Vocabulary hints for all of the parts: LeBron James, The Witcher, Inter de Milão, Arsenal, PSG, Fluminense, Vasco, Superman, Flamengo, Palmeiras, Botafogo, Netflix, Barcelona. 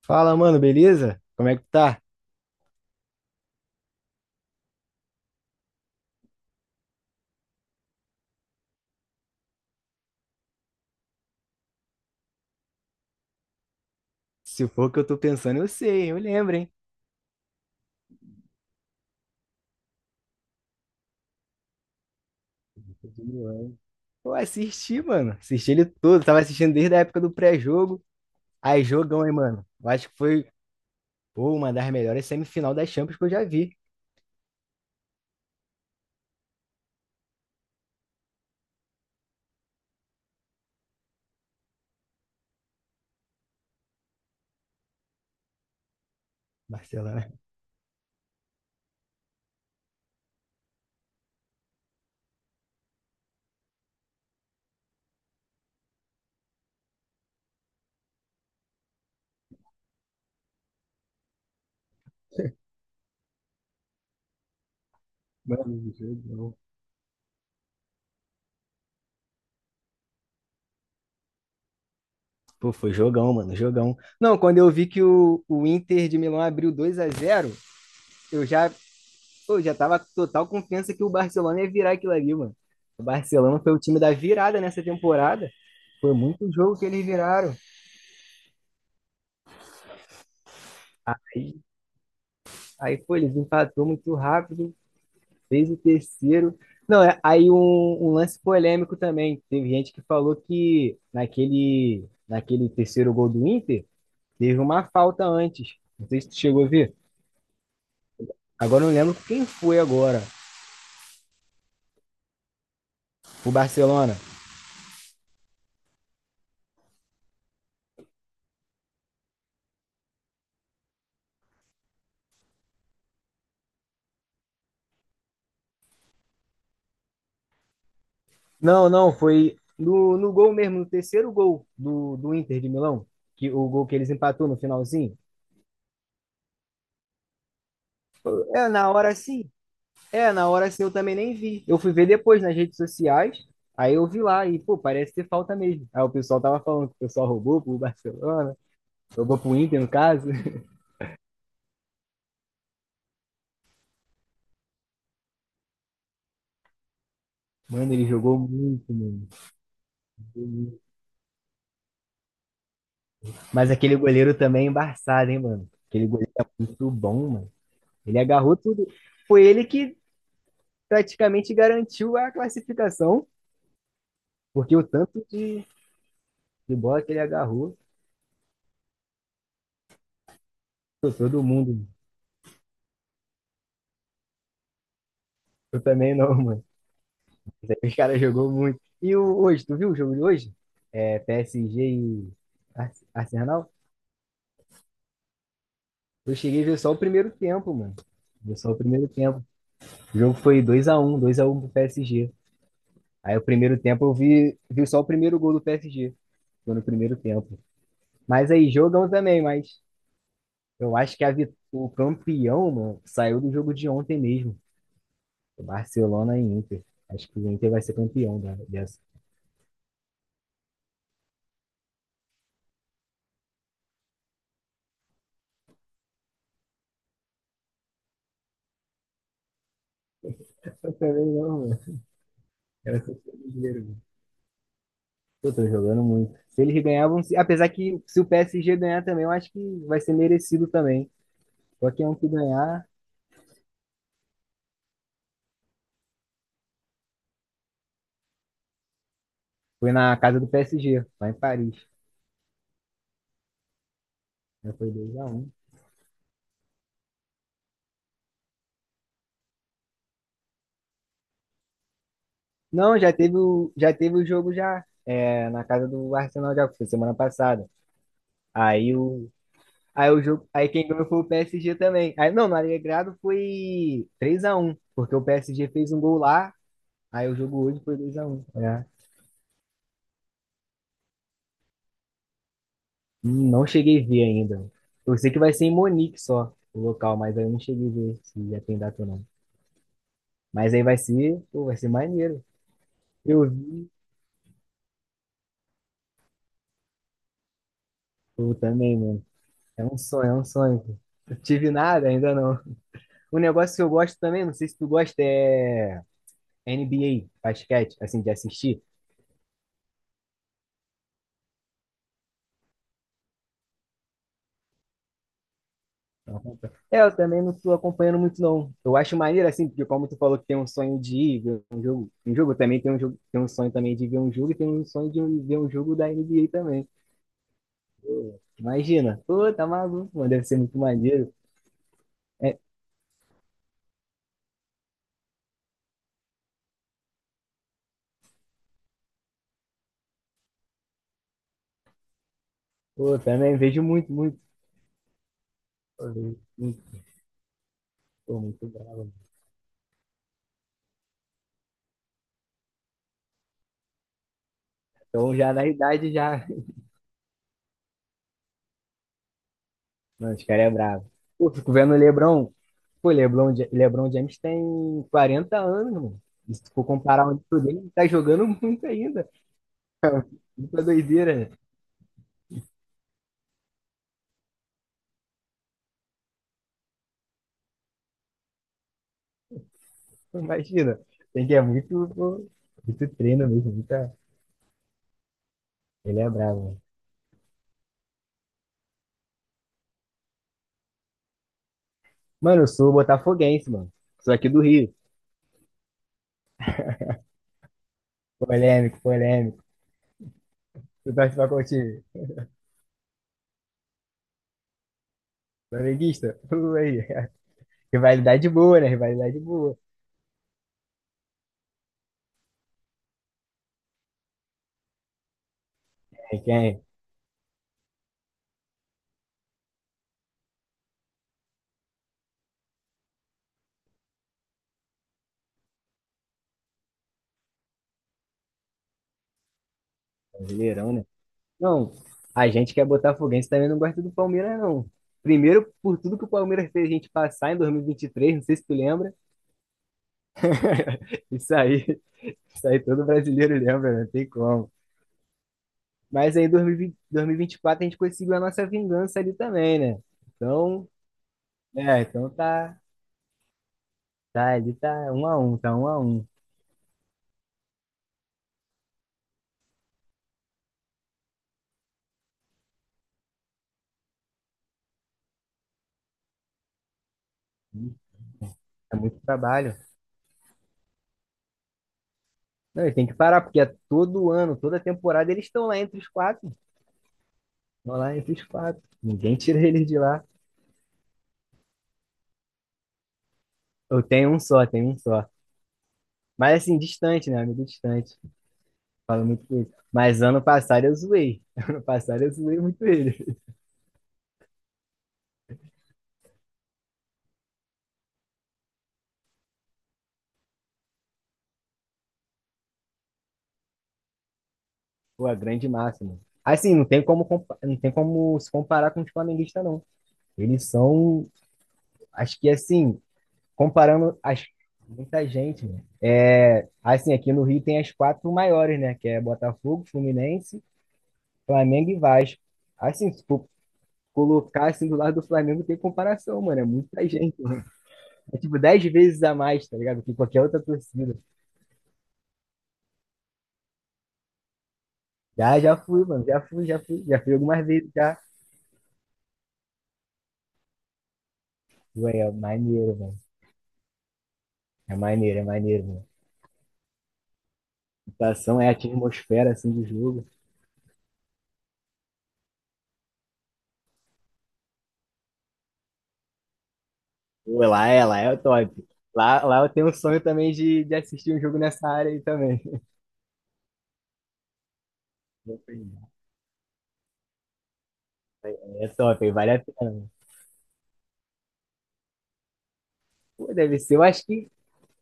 Fala, mano, beleza? Como é que tá? Se for o que eu tô pensando, eu sei, eu lembro, hein? Eu assisti, mano. Assisti ele todo. Tava assistindo desde a época do pré-jogo. Aí, jogão, hein, mano. Eu acho que foi, pô, uma das melhores semifinal das Champions que eu já vi. Barcelona. Mano, jogão. Pô, foi jogão, mano, jogão. Não, quando eu vi que o Inter de Milão abriu 2-0. eu já eu já tava com total confiança que o Barcelona ia virar aquilo ali, mano. O Barcelona foi o time da virada nessa temporada. Foi muito jogo que eles viraram. Aí, aí, pô, eles empatou muito rápido, fez o terceiro. Não, aí um lance polêmico também. Teve gente que falou que naquele terceiro gol do Inter, teve uma falta antes. Não sei se tu chegou a ver. Agora eu não lembro quem foi agora. O Barcelona. Não, não, foi no gol mesmo, no terceiro gol do Inter de Milão, que o gol que eles empatou no finalzinho. É, na hora sim. É, na hora sim eu também nem vi. Eu fui ver depois nas redes sociais, aí eu vi lá e, pô, parece ter falta mesmo. Aí o pessoal tava falando que o pessoal roubou pro Barcelona, roubou pro Inter, no caso. Mano, ele jogou muito, mano. Jogou muito. Mas aquele goleiro também é embaçado, hein, mano? Aquele goleiro é muito bom, mano. Ele agarrou tudo. Foi ele que praticamente garantiu a classificação. Porque o tanto de bola que ele agarrou, pô, todo mundo. Eu também não, mano. Os caras jogou muito. Hoje, tu viu o jogo de hoje? É PSG e Arsenal? Eu cheguei a ver só o primeiro tempo, mano. Vi só o primeiro tempo. O jogo foi 2-1 pro PSG. Aí o primeiro tempo eu vi só o primeiro gol do PSG. Foi no primeiro tempo. Mas aí, jogão também, mas eu acho que o campeão, mano, saiu do jogo de ontem mesmo. Barcelona e Inter. Acho que o Inter vai ser campeão dessa. Eu também não, mano. Quero ser brasileiro, mano. Pô, tô jogando muito. Se eles ganhavam, apesar que se o PSG ganhar também, eu acho que vai ser merecido também. Qualquer um que ganhar. Foi na casa do PSG, lá em Paris. Já foi 2-1. Não, já teve o jogo já na casa do Arsenal já foi semana passada. Aí o Aí o jogo, aí quem ganhou foi o PSG também. Aí não, no Alegrado foi 3-1, porque o PSG fez um gol lá. Aí o jogo hoje foi 2-1. É. Não cheguei a ver ainda. Eu sei que vai ser em Monique só, o local, mas aí eu não cheguei a ver se já tem data ou não. Mas aí vai ser, pô, vai ser maneiro. Eu vi, pô, também, mano. É um sonho, é um sonho. Pô. Eu tive nada, ainda não. Um negócio que eu gosto também, não sei se tu gosta, é NBA, basquete, assim, de assistir. É, eu também não tô acompanhando muito, não. Eu acho maneiro, assim, porque como tu falou que tem um sonho de ir ver um jogo também tem um jogo, tem um sonho também de ver um jogo e tem um sonho de ver um jogo da NBA também. Pô, imagina. Pô, tá maluco, mano. Deve ser muito maneiro. É, pô, também vejo muito, muito. Pô, vejo muito, pô, muito bravo. Então já na idade já. Mano, os caras é bravo. Pô, fico vendo o LeBron. Pô, LeBron, LeBron James tem 40 anos, mano. E se tu for comparar onde tu dele, ele tá jogando muito ainda. Muita doideira, né? Imagina. Tem que é muito, pô, muito treino mesmo, muita... Ele é bravo, mano. Mano, eu sou botafoguense, mano. Sou aqui do Rio. Polêmico, polêmico. Tu torce pra qual time? Flamenguista? Pô, aí. Rivalidade boa, né? Rivalidade boa. É quem? É? Brasileirão, né? Não, a gente que é botafoguense também não gosta do Palmeiras, não. Primeiro, por tudo que o Palmeiras fez a gente passar em 2023, não sei se tu lembra. Isso aí, isso aí todo brasileiro lembra, não tem como. Mas aí, 2024 a gente conseguiu a nossa vingança ali também, né? Então, então, tá, tá ali, tá 1-1, tá 1-1. É muito trabalho. Não, e tem que parar, porque é todo ano, toda temporada, eles estão lá entre os quatro. Estão lá entre os quatro. Ninguém tira eles de lá. Eu tenho um só, tenho um só. Mas assim, distante, né? Amigo distante. Falo muito com ele. Mas ano passado eu zoei. Ano passado eu zoei muito ele. Pô, a grande máxima. Assim, não tem como, não tem como se comparar com os flamenguistas, não. Eles são, acho que assim, comparando as muita gente, né? É, assim, aqui no Rio tem as quatro maiores, né? Que é Botafogo, Fluminense, Flamengo e Vasco. Assim, se for colocar assim do lado do Flamengo, tem comparação, mano. É muita gente, né? É tipo 10 vezes a mais, tá ligado? Que qualquer outra torcida. Já, já fui, mano. Já fui, já fui. Já fui algumas vezes já. Ué, é maneiro, mano. É maneiro, mano. A situação é a atmosfera, assim, do jogo. Pô, lá é o top. Lá eu tenho um sonho também de assistir um jogo nessa área aí também. Vou pegar. É top, aí vale a pena. Pô, deve ser, eu acho que,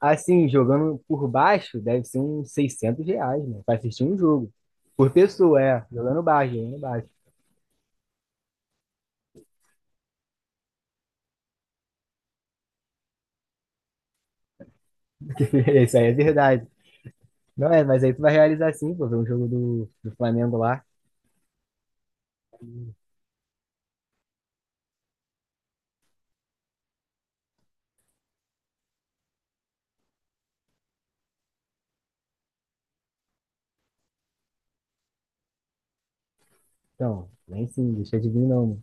assim, jogando por baixo, deve ser uns R$ 600, né? Pra assistir um jogo. Por pessoa, é. Jogando baixo, jogando baixo. Isso aí é verdade. Não é, mas aí tu vai realizar sim, pô, ver um jogo do Flamengo lá. Então, vem sim, deixa de vir não, mano.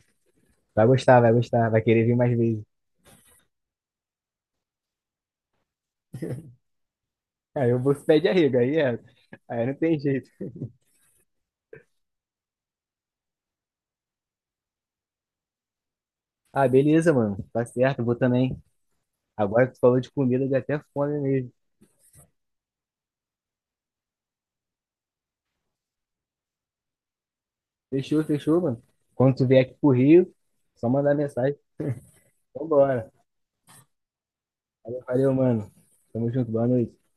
Vai gostar, vai gostar, vai querer vir mais vezes. Aí eu vou se pé arrego, aí é. Aí não tem jeito. Ah, beleza, mano. Tá certo, eu vou também. Agora que tu falou de comida, deu até fome mesmo. Fechou, fechou, mano. Quando tu vier aqui pro Rio, só mandar mensagem. Vambora. Valeu, valeu, mano. Tamo junto, boa noite.